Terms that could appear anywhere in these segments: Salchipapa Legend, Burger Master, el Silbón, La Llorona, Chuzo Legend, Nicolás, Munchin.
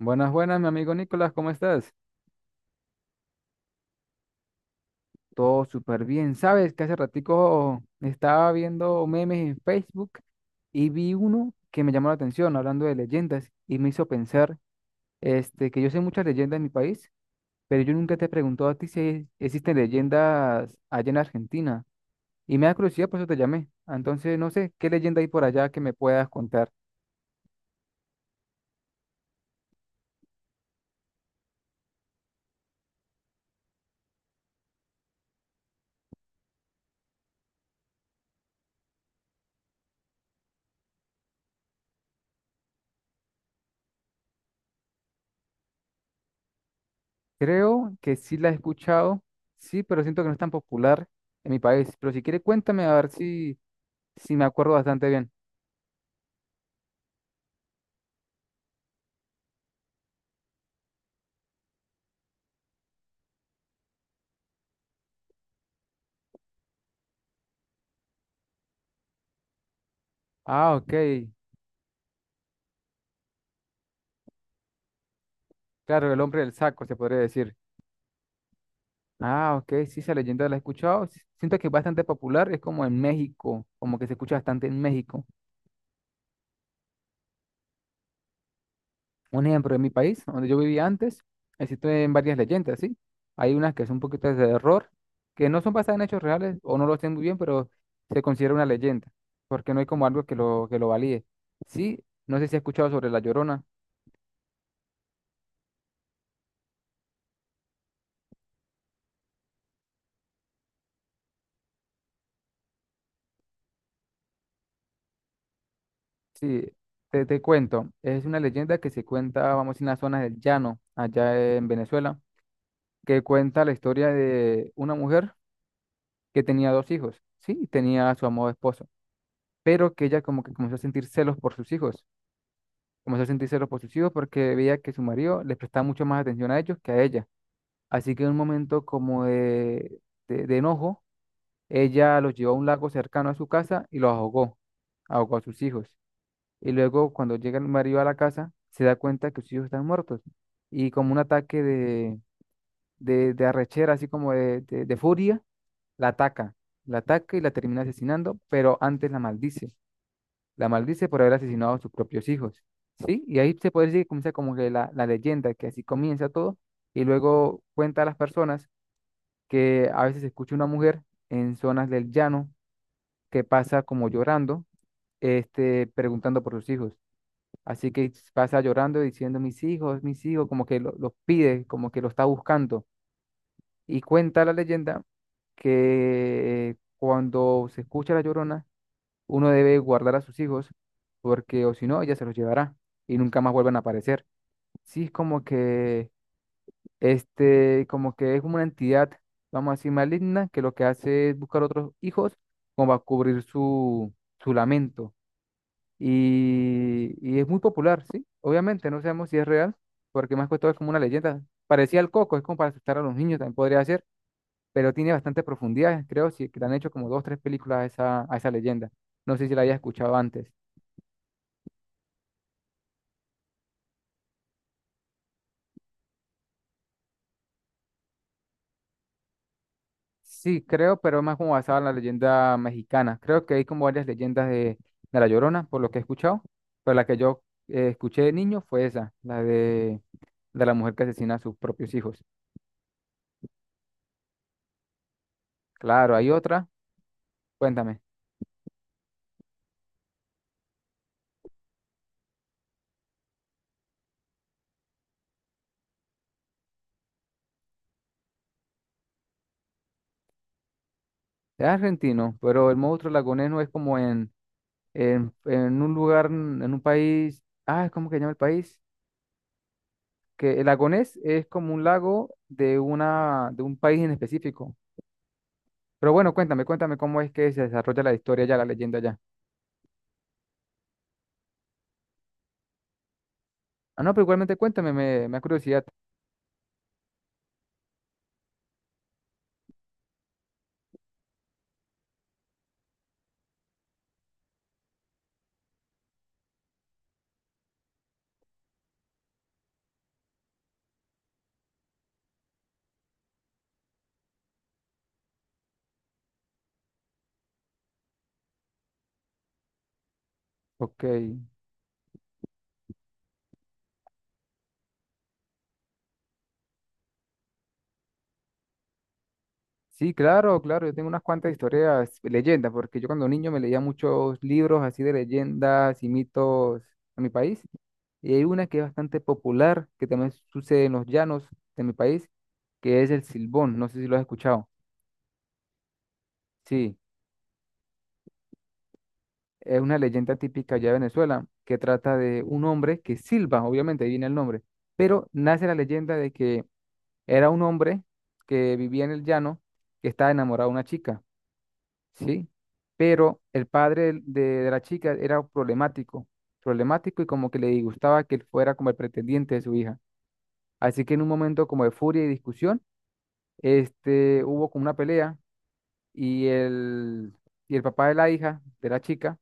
Buenas, buenas, mi amigo Nicolás, ¿cómo estás? Todo súper bien. Sabes que hace ratico estaba viendo memes en Facebook y vi uno que me llamó la atención hablando de leyendas y me hizo pensar, que yo sé muchas leyendas en mi país, pero yo nunca te he preguntado a ti si existen leyendas allá en Argentina. Y me da curiosidad, por eso te llamé. Entonces, no sé, ¿qué leyenda hay por allá que me puedas contar? Creo que sí la he escuchado, sí, pero siento que no es tan popular en mi país. Pero si quiere, cuéntame a ver si. Sí, me acuerdo bastante bien. Ah, ok. Claro, el hombre del saco, se podría decir. Ah, ok. Sí, esa leyenda la he escuchado. Siento que es bastante popular. Es como en México, como que se escucha bastante en México. Un ejemplo, en mi país, donde yo vivía antes, existen varias leyendas, ¿sí? Hay unas que son un poquito de error, que no son basadas en hechos reales o no lo sé muy bien, pero se considera una leyenda, porque no hay como algo que lo valide. Sí, no sé si has escuchado sobre La Llorona. Sí, te cuento, es una leyenda que se cuenta, vamos, en las zonas del llano, allá en Venezuela, que cuenta la historia de una mujer que tenía dos hijos, sí, y tenía a su amado esposo, pero que ella como que comenzó a sentir celos por sus hijos, comenzó a sentir celos por sus hijos porque veía que su marido les prestaba mucho más atención a ellos que a ella. Así que en un momento como de enojo, ella los llevó a un lago cercano a su casa y los ahogó, ahogó a sus hijos. Y luego cuando llega el marido a la casa, se da cuenta que sus hijos están muertos. Y como un ataque de arrechera, así como de furia, la ataca. La ataca y la termina asesinando, pero antes la maldice. La maldice por haber asesinado a sus propios hijos. ¿Sí? Y ahí se puede decir que comienza como que la leyenda, que así comienza todo. Y luego cuenta a las personas que a veces se escucha una mujer en zonas del llano que pasa como llorando, preguntando por sus hijos. Así que pasa llorando diciendo, mis hijos, como que los pide, como que lo está buscando. Y cuenta la leyenda que cuando se escucha la llorona, uno debe guardar a sus hijos, porque o si no, ella se los llevará y nunca más vuelven a aparecer. Sí, es como que, como que es como una entidad, vamos a decir, maligna, que lo que hace es buscar otros hijos como a cubrir su lamento y es muy popular, ¿sí? Obviamente, no sabemos si es real, porque más que todo es como una leyenda. Parecía el Coco, es como para asustar a los niños, también podría ser, pero tiene bastante profundidad, creo, sí, que le han hecho como dos, tres películas a esa leyenda. No sé si la había escuchado antes. Sí, creo, pero más como basada en la leyenda mexicana. Creo que hay como varias leyendas de La Llorona, por lo que he escuchado, pero la que yo escuché de niño fue esa, la de la mujer que asesina a sus propios hijos. Claro, hay otra, cuéntame. Es argentino, pero el monstruo lagonés es como en, en un lugar, en un país. Ah, ¿cómo que se llama el país? Que el lagonés es como un lago de, una, de un país en específico. Pero bueno, cuéntame, cuéntame cómo es que se desarrolla la historia ya, la leyenda ya. Ah, no, pero igualmente cuéntame, me da curiosidad. Ok. Sí, claro, claro, yo tengo unas cuantas historias, leyendas, porque yo cuando niño me leía muchos libros así de leyendas y mitos a mi país, y hay una que es bastante popular, que también sucede en los llanos de mi país, que es el Silbón, no sé si lo has escuchado. Sí, es una leyenda típica allá de Venezuela, que trata de un hombre que silba, obviamente, ahí viene el nombre, pero nace la leyenda de que era un hombre que vivía en el llano, que estaba enamorado de una chica, ¿sí? Pero el padre de la chica era problemático, problemático y como que le disgustaba que él fuera como el pretendiente de su hija. Así que en un momento como de furia y discusión, hubo como una pelea y el, y el papá de la hija, de la chica,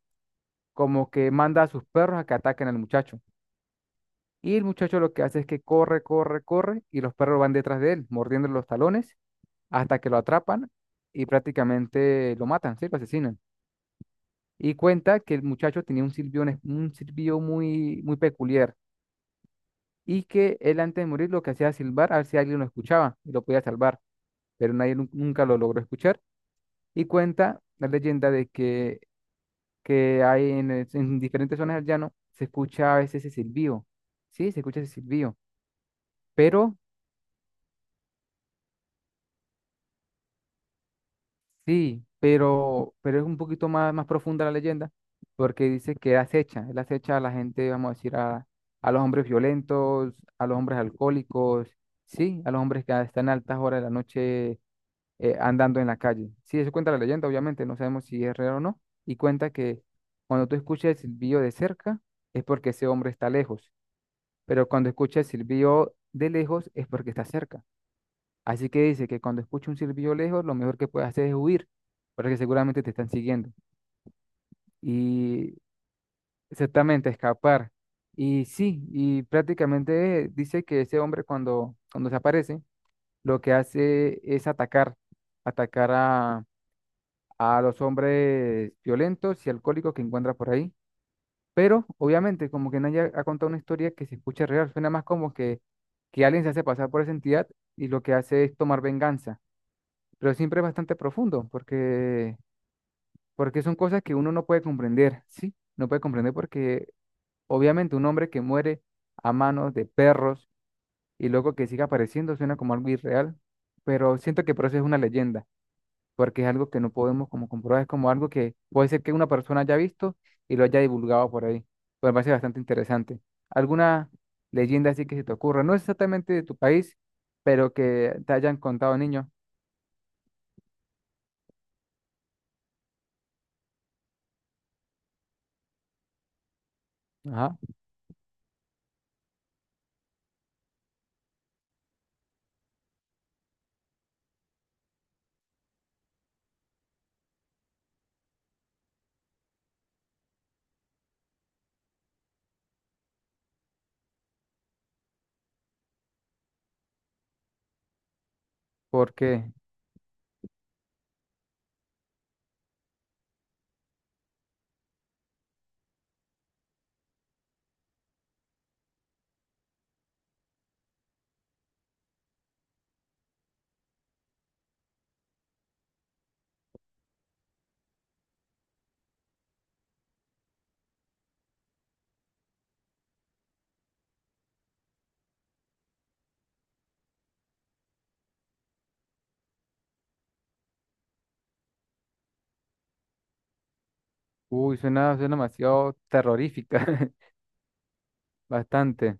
como que manda a sus perros a que ataquen al muchacho. Y el muchacho lo que hace es que corre, corre, corre y los perros van detrás de él, mordiendo los talones hasta que lo atrapan y prácticamente lo matan, ¿sí? Lo asesinan. Y cuenta que el muchacho tenía un silbido, un silbido muy, muy peculiar y que él antes de morir lo que hacía era silbar a ver si alguien lo escuchaba y lo podía salvar, pero nadie nu- nunca lo logró escuchar. Y cuenta la leyenda de que hay en diferentes zonas del llano se escucha a veces ese silbido, sí, se escucha ese silbido, pero. Sí, pero es un poquito más, más profunda la leyenda, porque dice que él acecha a la gente, vamos a decir, a los hombres violentos, a los hombres alcohólicos, sí, a los hombres que están a altas horas de la noche andando en la calle. Sí, eso cuenta la leyenda, obviamente, no sabemos si es real o no, y cuenta que cuando tú escuchas el silbido de cerca es porque ese hombre está lejos, pero cuando escuchas el silbido de lejos es porque está cerca. Así que dice que cuando escucha un silbido lejos, lo mejor que puede hacer es huir, porque seguramente te están siguiendo. Y exactamente, escapar. Y sí, y prácticamente dice que ese hombre cuando se aparece, lo que hace es atacar, atacar a los hombres violentos y alcohólicos que encuentra por ahí. Pero obviamente, como que nadie ha contado una historia que se escucha real, suena más como que alguien se hace pasar por esa entidad y lo que hace es tomar venganza, pero siempre es bastante profundo porque, porque son cosas que uno no puede comprender, ¿sí? No puede comprender porque obviamente un hombre que muere a manos de perros y luego que siga apareciendo suena como algo irreal, pero siento que por eso es una leyenda, porque es algo que no podemos como comprobar, es como algo que puede ser que una persona haya visto y lo haya divulgado por ahí. Pues me parece bastante interesante. ¿Alguna leyenda así que se te ocurra? No exactamente de tu país, pero que te hayan contado niños. Ajá. ¿Por qué? Uy, suena, suena demasiado terrorífica, bastante.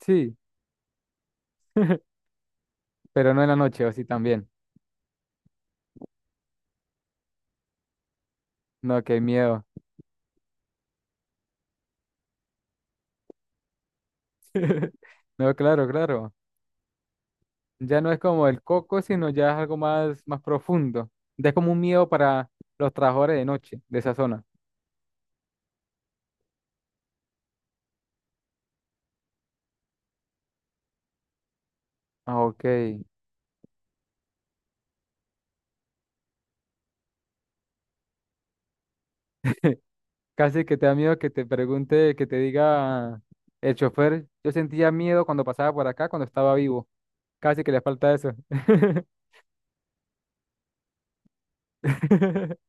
Sí, pero no en la noche, o sí también. No, qué miedo. No, claro, claro. Ya no es como el coco, sino ya es algo más, más profundo. Ya es como un miedo para los trabajadores de noche de esa zona. Ah, ok. Casi que te da miedo que te pregunte, que te diga el chofer. Yo sentía miedo cuando pasaba por acá, cuando estaba vivo. Casi que le falta eso.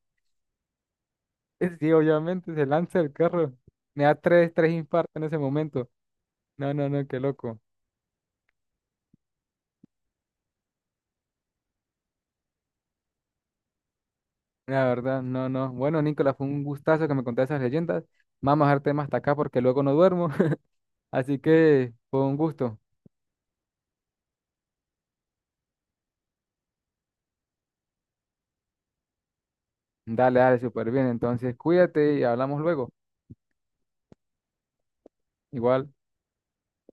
Sí, obviamente, se lanza el carro. Me da tres, tres infartos en ese momento. No, no, no, qué loco. La verdad, no, no. Bueno, Nicolás, fue un gustazo que me contaste esas leyendas. Vamos a dejar temas hasta acá porque luego no duermo. Así que fue un gusto. Dale, dale, súper bien. Entonces, cuídate y hablamos luego. Igual.